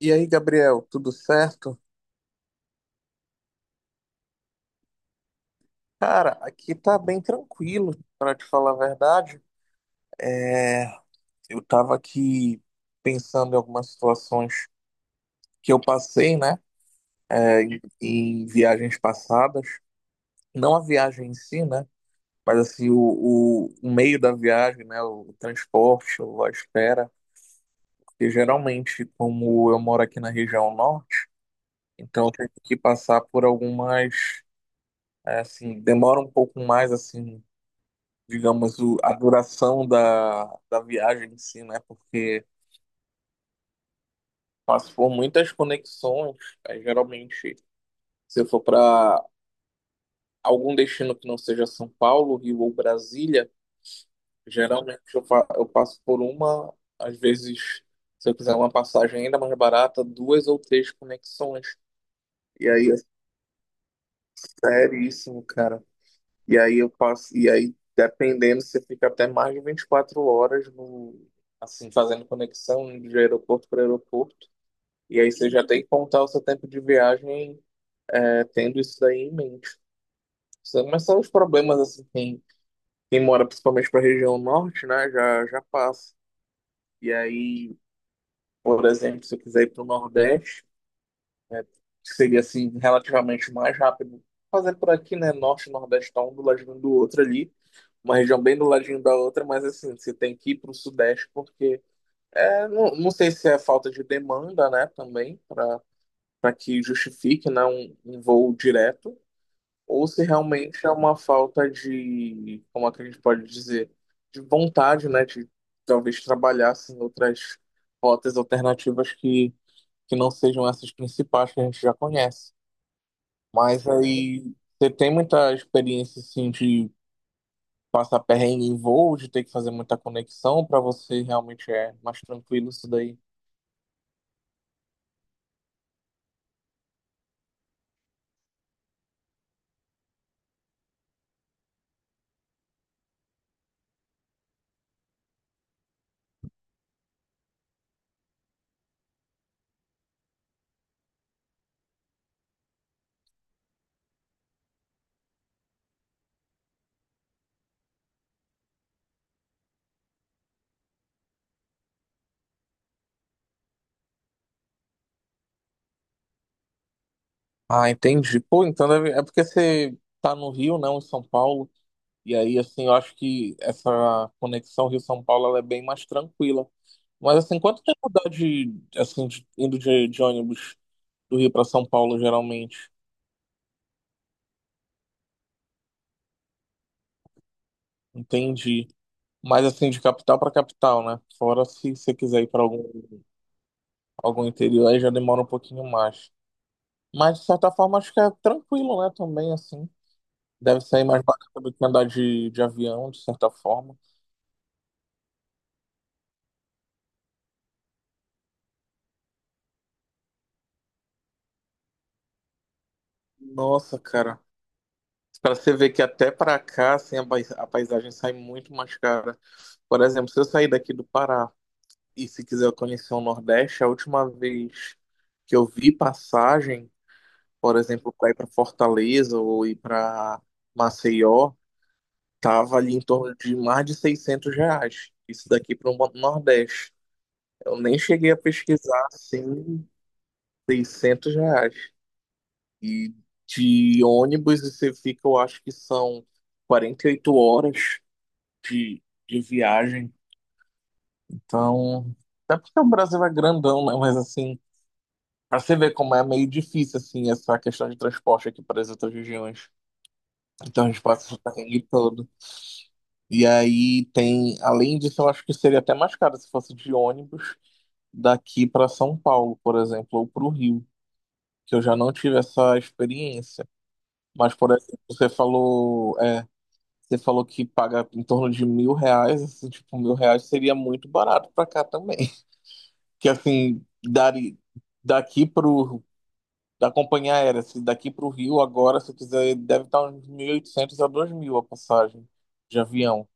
E aí, Gabriel, tudo certo? Cara, aqui tá bem tranquilo, pra te falar a verdade. Eu tava aqui pensando em algumas situações que eu passei, né, em viagens passadas. Não a viagem em si, né, mas assim, o meio da viagem, né, o transporte, a espera. Porque geralmente, como eu moro aqui na região norte, então eu tenho que passar por algumas, é, assim, demora um pouco mais, assim. Digamos, a duração da viagem em si, né? Porque passou por muitas conexões, aí, geralmente, se eu for para algum destino que não seja São Paulo, Rio ou Brasília, geralmente eu, fa eu passo por uma, às vezes, se eu quiser uma passagem ainda mais barata, duas ou três conexões. E aí é seríssimo, cara. E aí eu passo, e aí, dependendo, você fica até mais de 24 horas no, assim, fazendo conexão de aeroporto para aeroporto. E aí você já tem que contar o seu tempo de viagem, é, tendo isso daí em mente. Mas são os problemas, assim, quem mora principalmente para a região norte, né, já passa. E aí, por exemplo, se eu quiser ir para o Nordeste, né, que seria, assim, relativamente mais rápido, fazer por aqui, né, Norte e Nordeste tá um do ladinho do outro ali, uma região bem do ladinho da outra, mas, assim, você tem que ir para o Sudeste porque, é, não sei se é falta de demanda, né, também, para que justifique, né, um voo direto, ou se realmente é uma falta de, como é que a gente pode dizer, de vontade, né, de talvez trabalhar assim, outras rotas alternativas que não sejam essas principais que a gente já conhece. Mas aí você tem muita experiência assim, de passar perrengue em voo, de ter que fazer muita conexão, para você realmente é mais tranquilo isso daí. Ah, entendi. Pô, então é porque você tá no Rio, não em São Paulo. E aí, assim, eu acho que essa conexão Rio-São Paulo ela é bem mais tranquila. Mas, assim, quanto tempo dá de, assim, indo de ônibus do Rio para São Paulo, geralmente? Entendi. Mas, assim, de capital para capital, né? Fora se você quiser ir para algum, algum interior, aí já demora um pouquinho mais. Mas, de certa forma, acho que é tranquilo, né? Também, assim. Deve sair mais barato do que andar de avião, de certa forma. Nossa, cara. Para você ver que até para cá, assim, a a paisagem sai muito mais cara. Por exemplo, se eu sair daqui do Pará e se quiser conhecer o Nordeste, a última vez que eu vi passagem, por exemplo, para ir para Fortaleza ou ir para Maceió, tava ali em torno de mais de 600 reais. Isso daqui para o Nordeste. Eu nem cheguei a pesquisar, assim, 600 reais. E de ônibus você fica, eu acho que são 48 horas de, de viagem. Então, até porque o Brasil é grandão, né? Mas assim, pra você ver como é meio difícil, assim, essa questão de transporte aqui para as outras regiões. Então a gente passa o perrengue todo. E aí tem, além disso, eu acho que seria até mais caro se fosse de ônibus daqui para São Paulo, por exemplo, ou para o Rio, que eu já não tive essa experiência. Mas, por exemplo, você falou que paga em torno de 1.000 reais, assim, tipo, 1.000 reais seria muito barato para cá também. que assim, dari, daqui pro, da companhia aérea, se daqui pro Rio agora, se quiser, deve estar uns 1.800 a 2.000 a passagem de avião.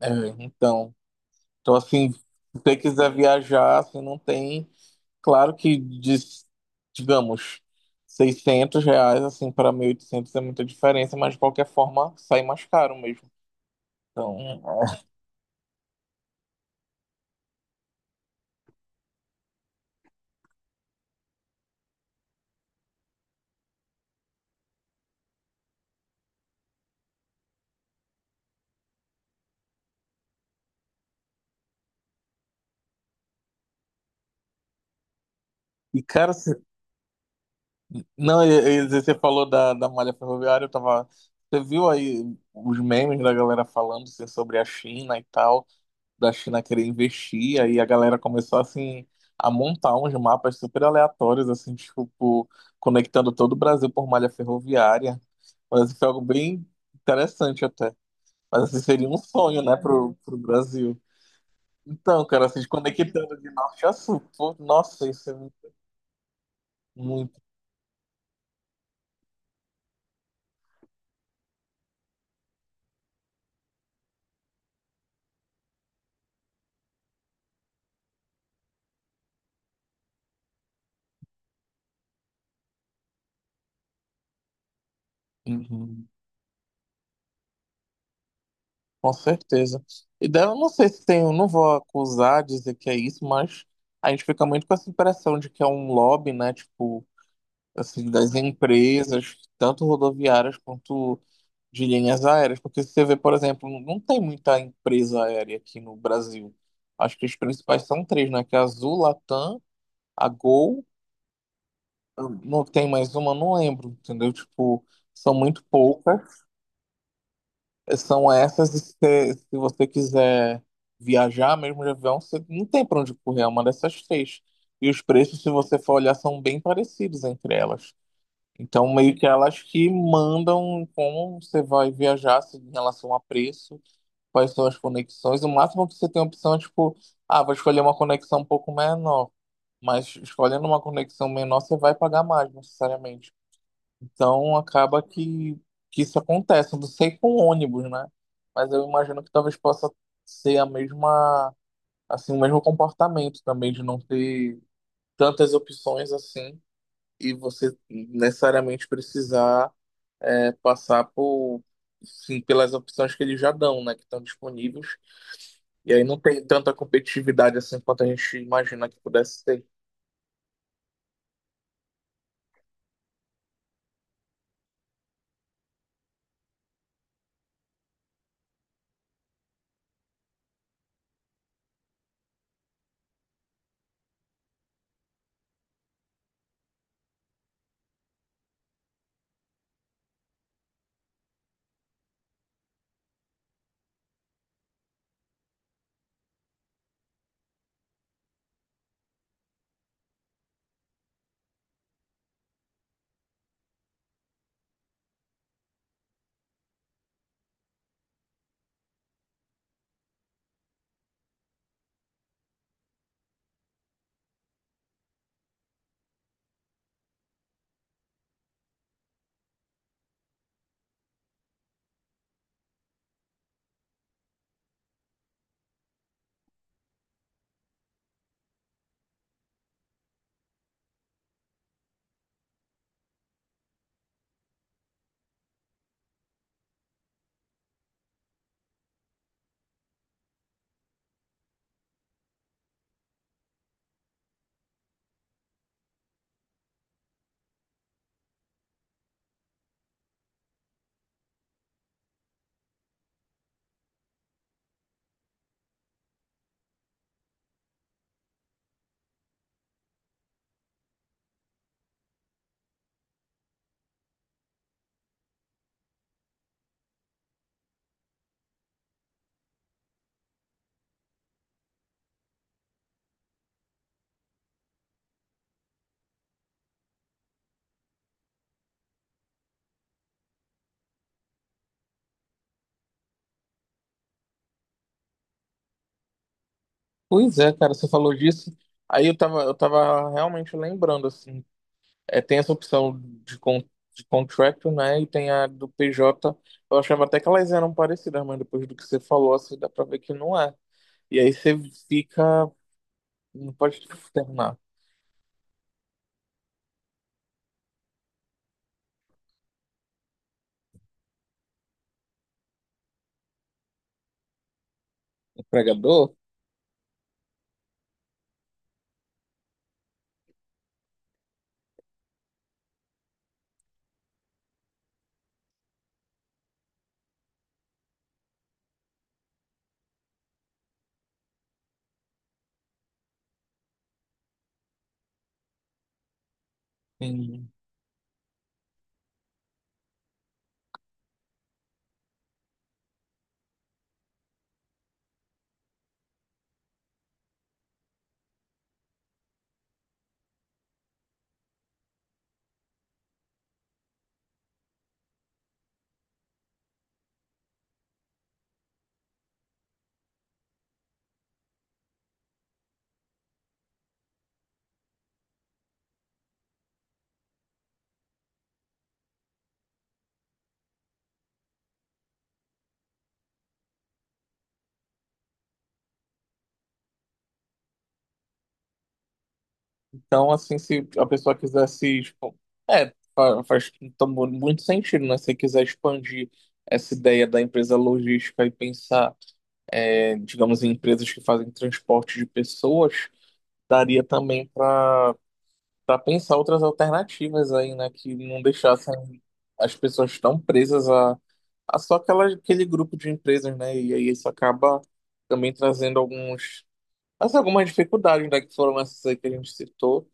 É, então, então assim, se você quiser viajar, assim, não tem, claro que, digamos, 600 reais, assim, para 1.800 é muita diferença, mas de qualquer forma, sai mais caro mesmo. Então, é. E cara, não, e você falou da, da malha ferroviária, eu tava. Você viu aí os memes da galera falando assim, sobre a China e tal, da China querer investir, aí a galera começou assim a montar uns mapas super aleatórios, assim, tipo, conectando todo o Brasil por malha ferroviária. Mas assim, foi algo bem interessante até. Mas assim, seria um sonho, né, pro Brasil. Então, cara, se desconectando de norte a sul. Pô, nossa, isso é muito. Muito. Uhum. Com certeza. E daí eu não sei se tem, eu não vou acusar, dizer que é isso, mas a gente fica muito com essa impressão de que é um lobby, né? Tipo, assim, das empresas, tanto rodoviárias quanto de linhas aéreas. Porque se você vê, por exemplo, não tem muita empresa aérea aqui no Brasil. Acho que as principais são três, né? Que é a Azul, Latam, a Gol, não tem mais uma, não lembro, entendeu? Tipo, são muito poucas. São essas, e se você quiser viajar mesmo de avião, você não tem para onde correr, é uma dessas três. E os preços, se você for olhar, são bem parecidos entre elas. Então, meio que elas que mandam como você vai viajar em relação a preço, quais são as conexões. O máximo que você tem opção é tipo, ah, vou escolher uma conexão um pouco menor. Mas escolhendo uma conexão menor, você vai pagar mais, necessariamente. Então acaba que isso acontece. Eu não sei com ônibus, né? Mas eu imagino que talvez possa ser a mesma, assim, o mesmo comportamento também de não ter tantas opções assim e você necessariamente precisar é, sim, pelas opções que eles já dão, né? Que estão disponíveis. E aí não tem tanta competitividade assim quanto a gente imagina que pudesse ter. Pois é, cara, você falou disso. Aí eu tava realmente lembrando, assim, é, tem essa opção de, con de contractor, né? E tem a do PJ. Eu achava até que elas eram parecidas, mas depois do que você falou, assim, dá pra ver que não é. E aí você fica, não pode terminar, empregador. Sim. Então, assim, se a pessoa quiser se, faz então, muito sentido, né? Se quiser expandir essa ideia da empresa logística e pensar, é, digamos, em empresas que fazem transporte de pessoas, daria também para pensar outras alternativas aí, né? Que não deixassem as pessoas tão presas a só aquela, aquele grupo de empresas, né? E aí isso acaba também trazendo alguns, algumas dificuldades, né? Que foram essas aí que a gente citou.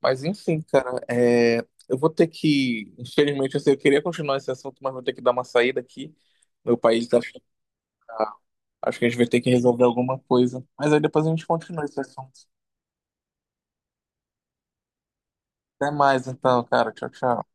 Mas enfim, cara, é, eu vou ter que, infelizmente, assim, eu queria continuar esse assunto, mas vou ter que dar uma saída aqui. Meu país tá, acho que a gente vai ter que resolver alguma coisa. Mas aí depois a gente continua esse assunto. Até mais então, cara. Tchau, tchau.